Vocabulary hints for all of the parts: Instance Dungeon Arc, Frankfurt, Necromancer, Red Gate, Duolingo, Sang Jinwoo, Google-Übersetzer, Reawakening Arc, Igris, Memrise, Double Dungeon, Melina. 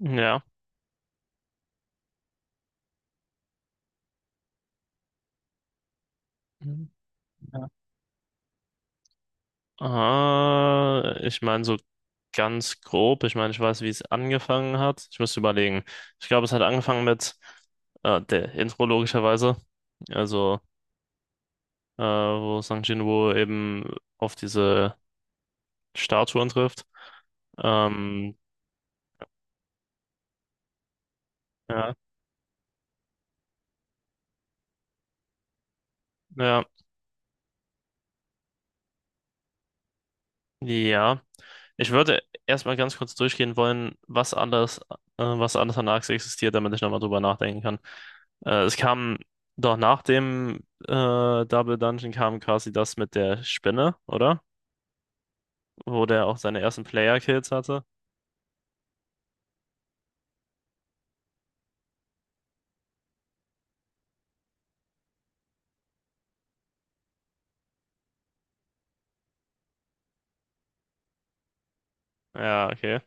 Ja. Mhm. Ja. Ich meine so ganz grob. Ich meine, ich weiß, wie es angefangen hat. Ich müsste überlegen. Ich glaube, es hat angefangen mit der Intro logischerweise. Also, Wo Sang Jinwoo eben auf diese Statuen trifft. Ähm, ja, ja, ja. Ich würde erstmal ganz kurz durchgehen wollen, was alles an Arx existiert, damit ich nochmal drüber nachdenken kann. Es kam doch nach dem äh, Double Dungeon kam quasi das mit der Spinne, oder? Wo der auch seine ersten Player-Kills hatte. Ja, okay.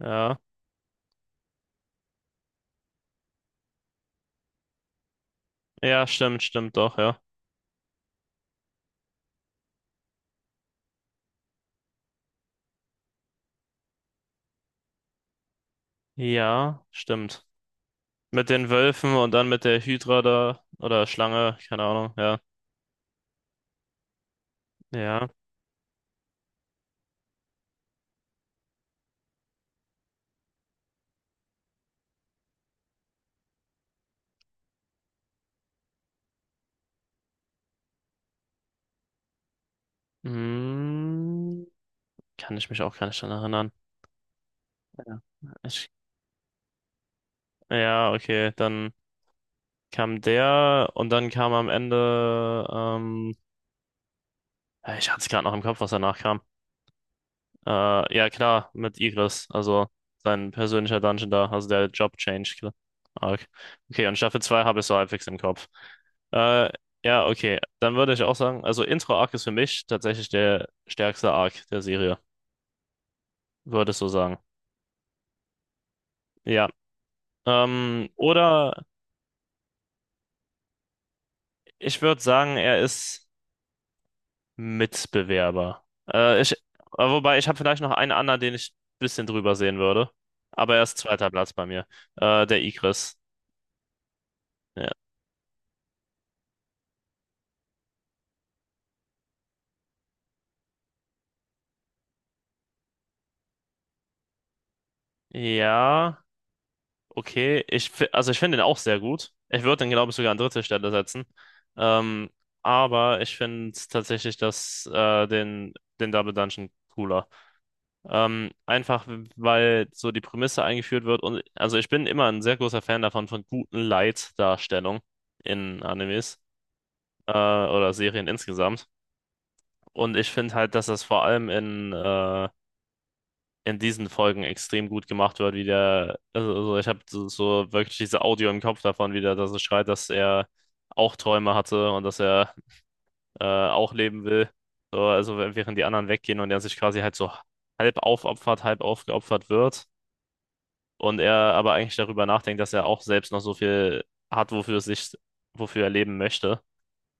Ja. Ja, stimmt, stimmt doch, ja. Ja, stimmt. Mit den Wölfen und dann mit der Hydra da oder Schlange, keine Ahnung, ja. Ja. Hm, Kann ich mich auch gar nicht dran erinnern. Ja. Ich Ja, okay, dann kam der und dann kam am Ende, ja, ich hatte es gerade noch im Kopf, was danach kam. Ja, klar, mit Igris, also sein persönlicher Dungeon da, also der Job-Change. Klar. Arc. Okay, und Staffel 2 habe ich so halbwegs im Kopf. Äh, ja, okay, dann würde ich auch sagen, also Intro-Arc ist für mich tatsächlich der stärkste Arc der Serie, würde ich so sagen. Ja, oder ich würde sagen, er ist. Mitbewerber. Äh, ich, äh, Wobei, ich habe vielleicht noch einen anderen, den ich ein bisschen drüber sehen würde. Aber er ist zweiter Platz bei mir. Der Igris. Ja. Ja, okay. Also ich finde ihn auch sehr gut. Ich würde ihn, glaube ich, sogar an dritte Stelle setzen. Ähm, aber ich finde tatsächlich den Double Dungeon cooler. Einfach, weil so die Prämisse eingeführt wird. Und also ich bin immer ein sehr großer Fan davon, von guten Light-Darstellung in Animes. Oder Serien insgesamt. Und ich finde halt, dass das vor allem in diesen Folgen extrem gut gemacht wird, also ich habe so, so wirklich diese Audio im Kopf davon wieder, dass es schreit, dass er auch Träume hatte und dass er auch leben will. So, also während die anderen weggehen und er sich quasi halt so halb aufopfert, halb aufgeopfert wird. Und er aber eigentlich darüber nachdenkt, dass er auch selbst noch so viel hat, wofür er leben möchte.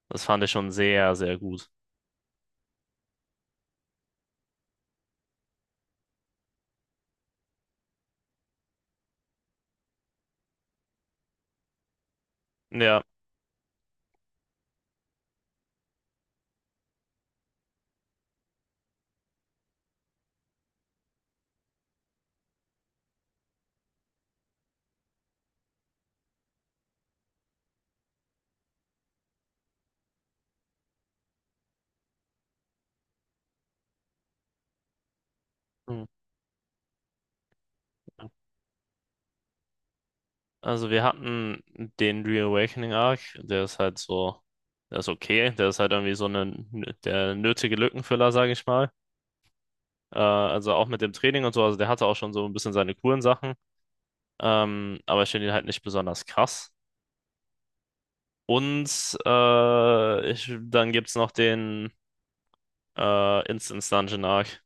Das fand ich schon sehr, sehr gut. Ja. Also wir hatten den Reawakening Arc, der ist halt so, der ist okay, der ist halt irgendwie so eine, der nötige Lückenfüller, sage ich mal. Also auch mit dem Training und so, also der hatte auch schon so ein bisschen seine coolen Sachen, aber ich finde ihn halt nicht besonders krass. Und dann gibt's noch den Instance Dungeon Arc.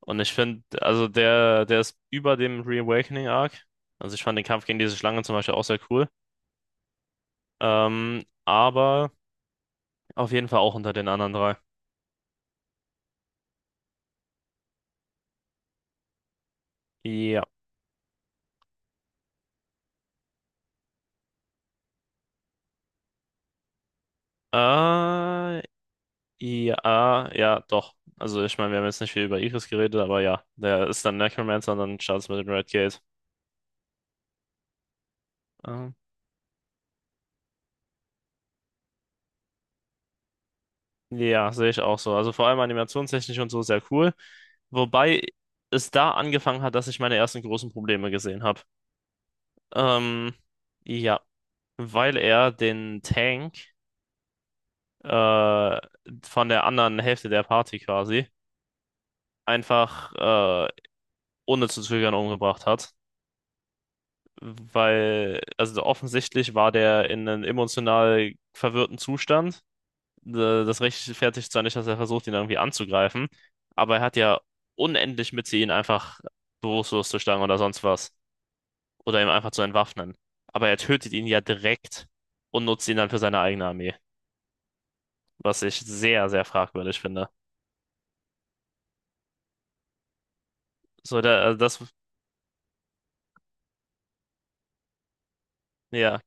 Und ich finde, der ist über dem Reawakening Arc. Also ich fand den Kampf gegen diese Schlange zum Beispiel auch sehr cool. Ähm, aber Auf jeden Fall auch unter den anderen drei. Ja. Äh, ja, ja, doch. Also ich meine, wir haben jetzt nicht viel über Iris geredet, aber ja, der ist dann Necromancer und dann startet mit dem Red Gate. Ähm, ja, sehe ich auch so. Also vor allem animationstechnisch und so sehr cool. Wobei es da angefangen hat, dass ich meine ersten großen Probleme gesehen habe. Ähm, ja, weil er den Tank äh, von der anderen Hälfte der Party quasi einfach ohne zu zögern umgebracht hat. Weil, offensichtlich war der in einem emotional verwirrten Zustand. Das rechtfertigt zwar nicht, dass er versucht, ihn irgendwie anzugreifen, aber er hat ja unendlich Mitte, ihn einfach bewusstlos zu schlagen oder sonst was. Oder ihn einfach zu entwaffnen. Aber er tötet ihn ja direkt und nutzt ihn dann für seine eigene Armee. Was ich sehr, sehr fragwürdig finde. So, da, also das, ja,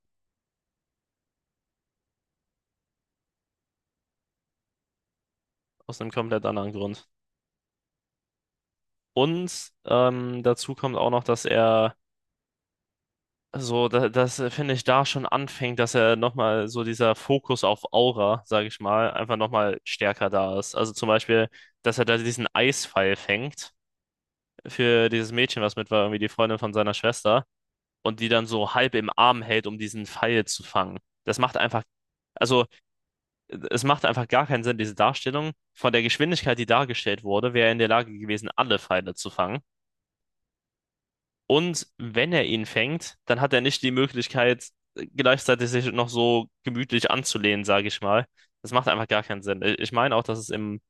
aus einem komplett anderen Grund. Und dazu kommt auch noch, dass er so, da, das finde ich da schon anfängt, dass er nochmal so dieser Fokus auf Aura, sage ich mal, einfach nochmal stärker da ist. Also zum Beispiel, dass er da diesen Eispfeil fängt für dieses Mädchen, was mit war, irgendwie die Freundin von seiner Schwester, und die dann so halb im Arm hält, um diesen Pfeil zu fangen. Das macht einfach, also Es macht einfach gar keinen Sinn, diese Darstellung. Von der Geschwindigkeit, die dargestellt wurde, wäre er in der Lage gewesen, alle Pfeile zu fangen. Und wenn er ihn fängt, dann hat er nicht die Möglichkeit, gleichzeitig sich noch so gemütlich anzulehnen, sage ich mal. Das macht einfach gar keinen Sinn. Ich meine auch, dass es im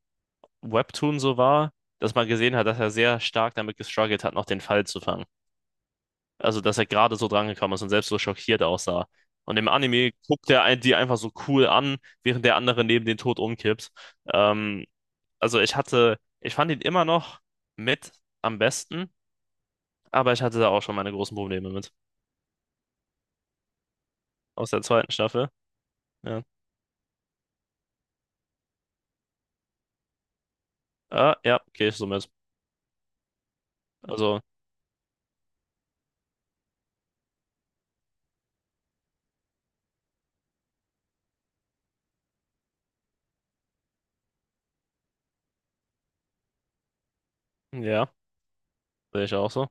Webtoon so war, dass man gesehen hat, dass er sehr stark damit gestruggelt hat, noch den Fall zu fangen. Also, dass er gerade so drangekommen ist und selbst so schockiert aussah. Und im Anime guckt er die einfach so cool an, während der andere neben den Tod umkippt. Ähm, Ich fand ihn immer noch mit am besten, aber ich hatte da auch schon meine großen Probleme mit. Aus der zweiten Staffel. Ja. Ah, ja, gehe ich so mit. Also, ja, sehe ich auch so.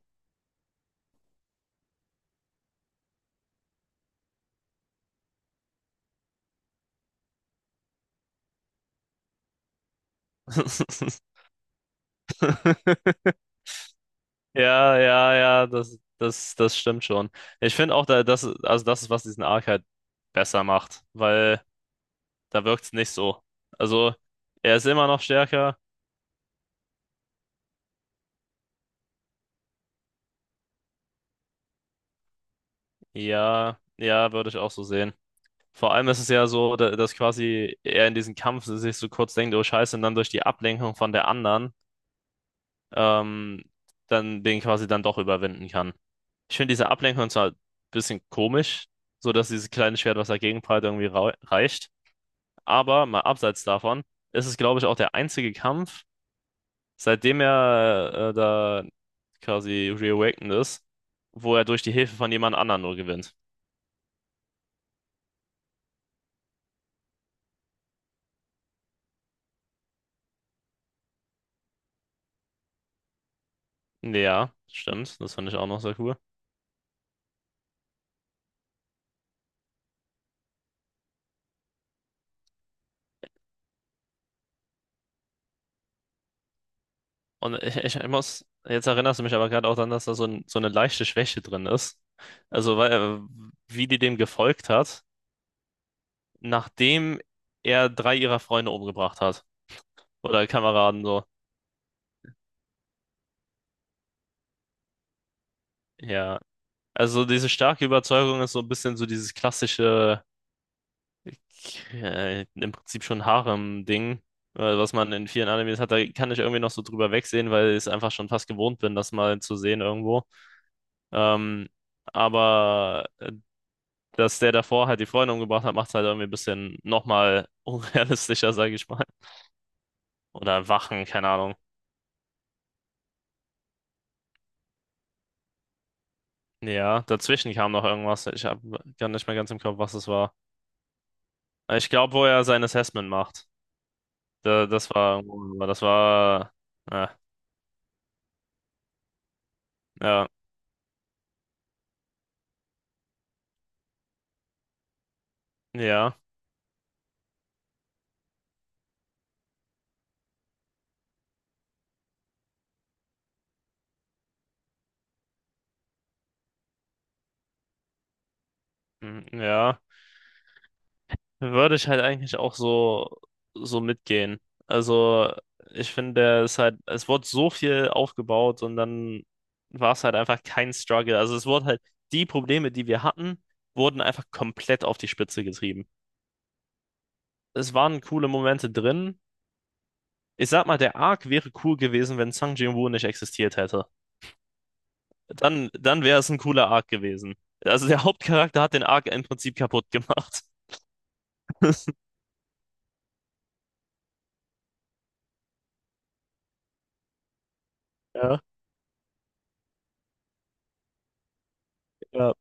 Ja, ja, ja, das stimmt schon. Ich finde auch, da, das, also Das ist, was diesen Arc halt besser macht, weil da wirkt es nicht so. Also, er ist immer noch stärker. Ja, ja, würde ich auch so sehen. Vor allem ist es ja so, dass quasi er in diesem Kampf sich so kurz denkt, oh Scheiße, und dann durch die Ablenkung von der anderen, ähm, dann den quasi dann doch überwinden kann. Ich finde diese Ablenkung zwar ein bisschen komisch, so dass dieses kleine Schwert, was dagegen prallt, reicht. Aber mal abseits davon ist es, glaube ich, auch der einzige Kampf, seitdem er da quasi reawakened ist, wo er durch die Hilfe von jemand anderem nur gewinnt. Ja, stimmt. Das fand ich auch noch sehr cool. Und jetzt erinnerst du mich aber gerade auch daran, dass da so, so eine leichte Schwäche drin ist. Also, weil, äh, Wie die dem gefolgt hat, nachdem er drei ihrer Freunde umgebracht hat. Oder Kameraden so. Ja. Also diese starke Überzeugung ist so ein bisschen so dieses klassische, im Prinzip schon Harem-Ding, was man in vielen Animes hat. Da kann ich irgendwie noch so drüber wegsehen, weil ich es einfach schon fast gewohnt bin, das mal zu sehen irgendwo. Ähm, aber äh, Dass der davor halt die Freunde umgebracht hat, macht es halt irgendwie ein bisschen nochmal unrealistischer, sage ich mal. Oder Wachen, keine Ahnung. Ja, dazwischen kam noch irgendwas. Ich habe gar nicht mehr ganz im Kopf, was es war. Ich glaube, wo er sein Assessment macht. Da, das war, oh, das war, ja, ja, ja, mm, Ja. Würde ich halt eigentlich auch so, so mitgehen. Also, ich finde, es ist halt, es wurde so viel aufgebaut und dann war es halt einfach kein Struggle. Also, es wurde halt, die Probleme, die wir hatten, wurden einfach komplett auf die Spitze getrieben. Es waren coole Momente drin. Ich sag mal, der Arc wäre cool gewesen, wenn Sang Jin-Woo nicht existiert hätte. Dann wäre es ein cooler Arc gewesen. Also der Hauptcharakter hat den Arc im Prinzip kaputt gemacht. Ja, ja.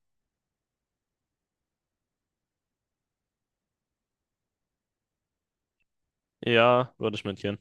Ja, würde ich mitgehen.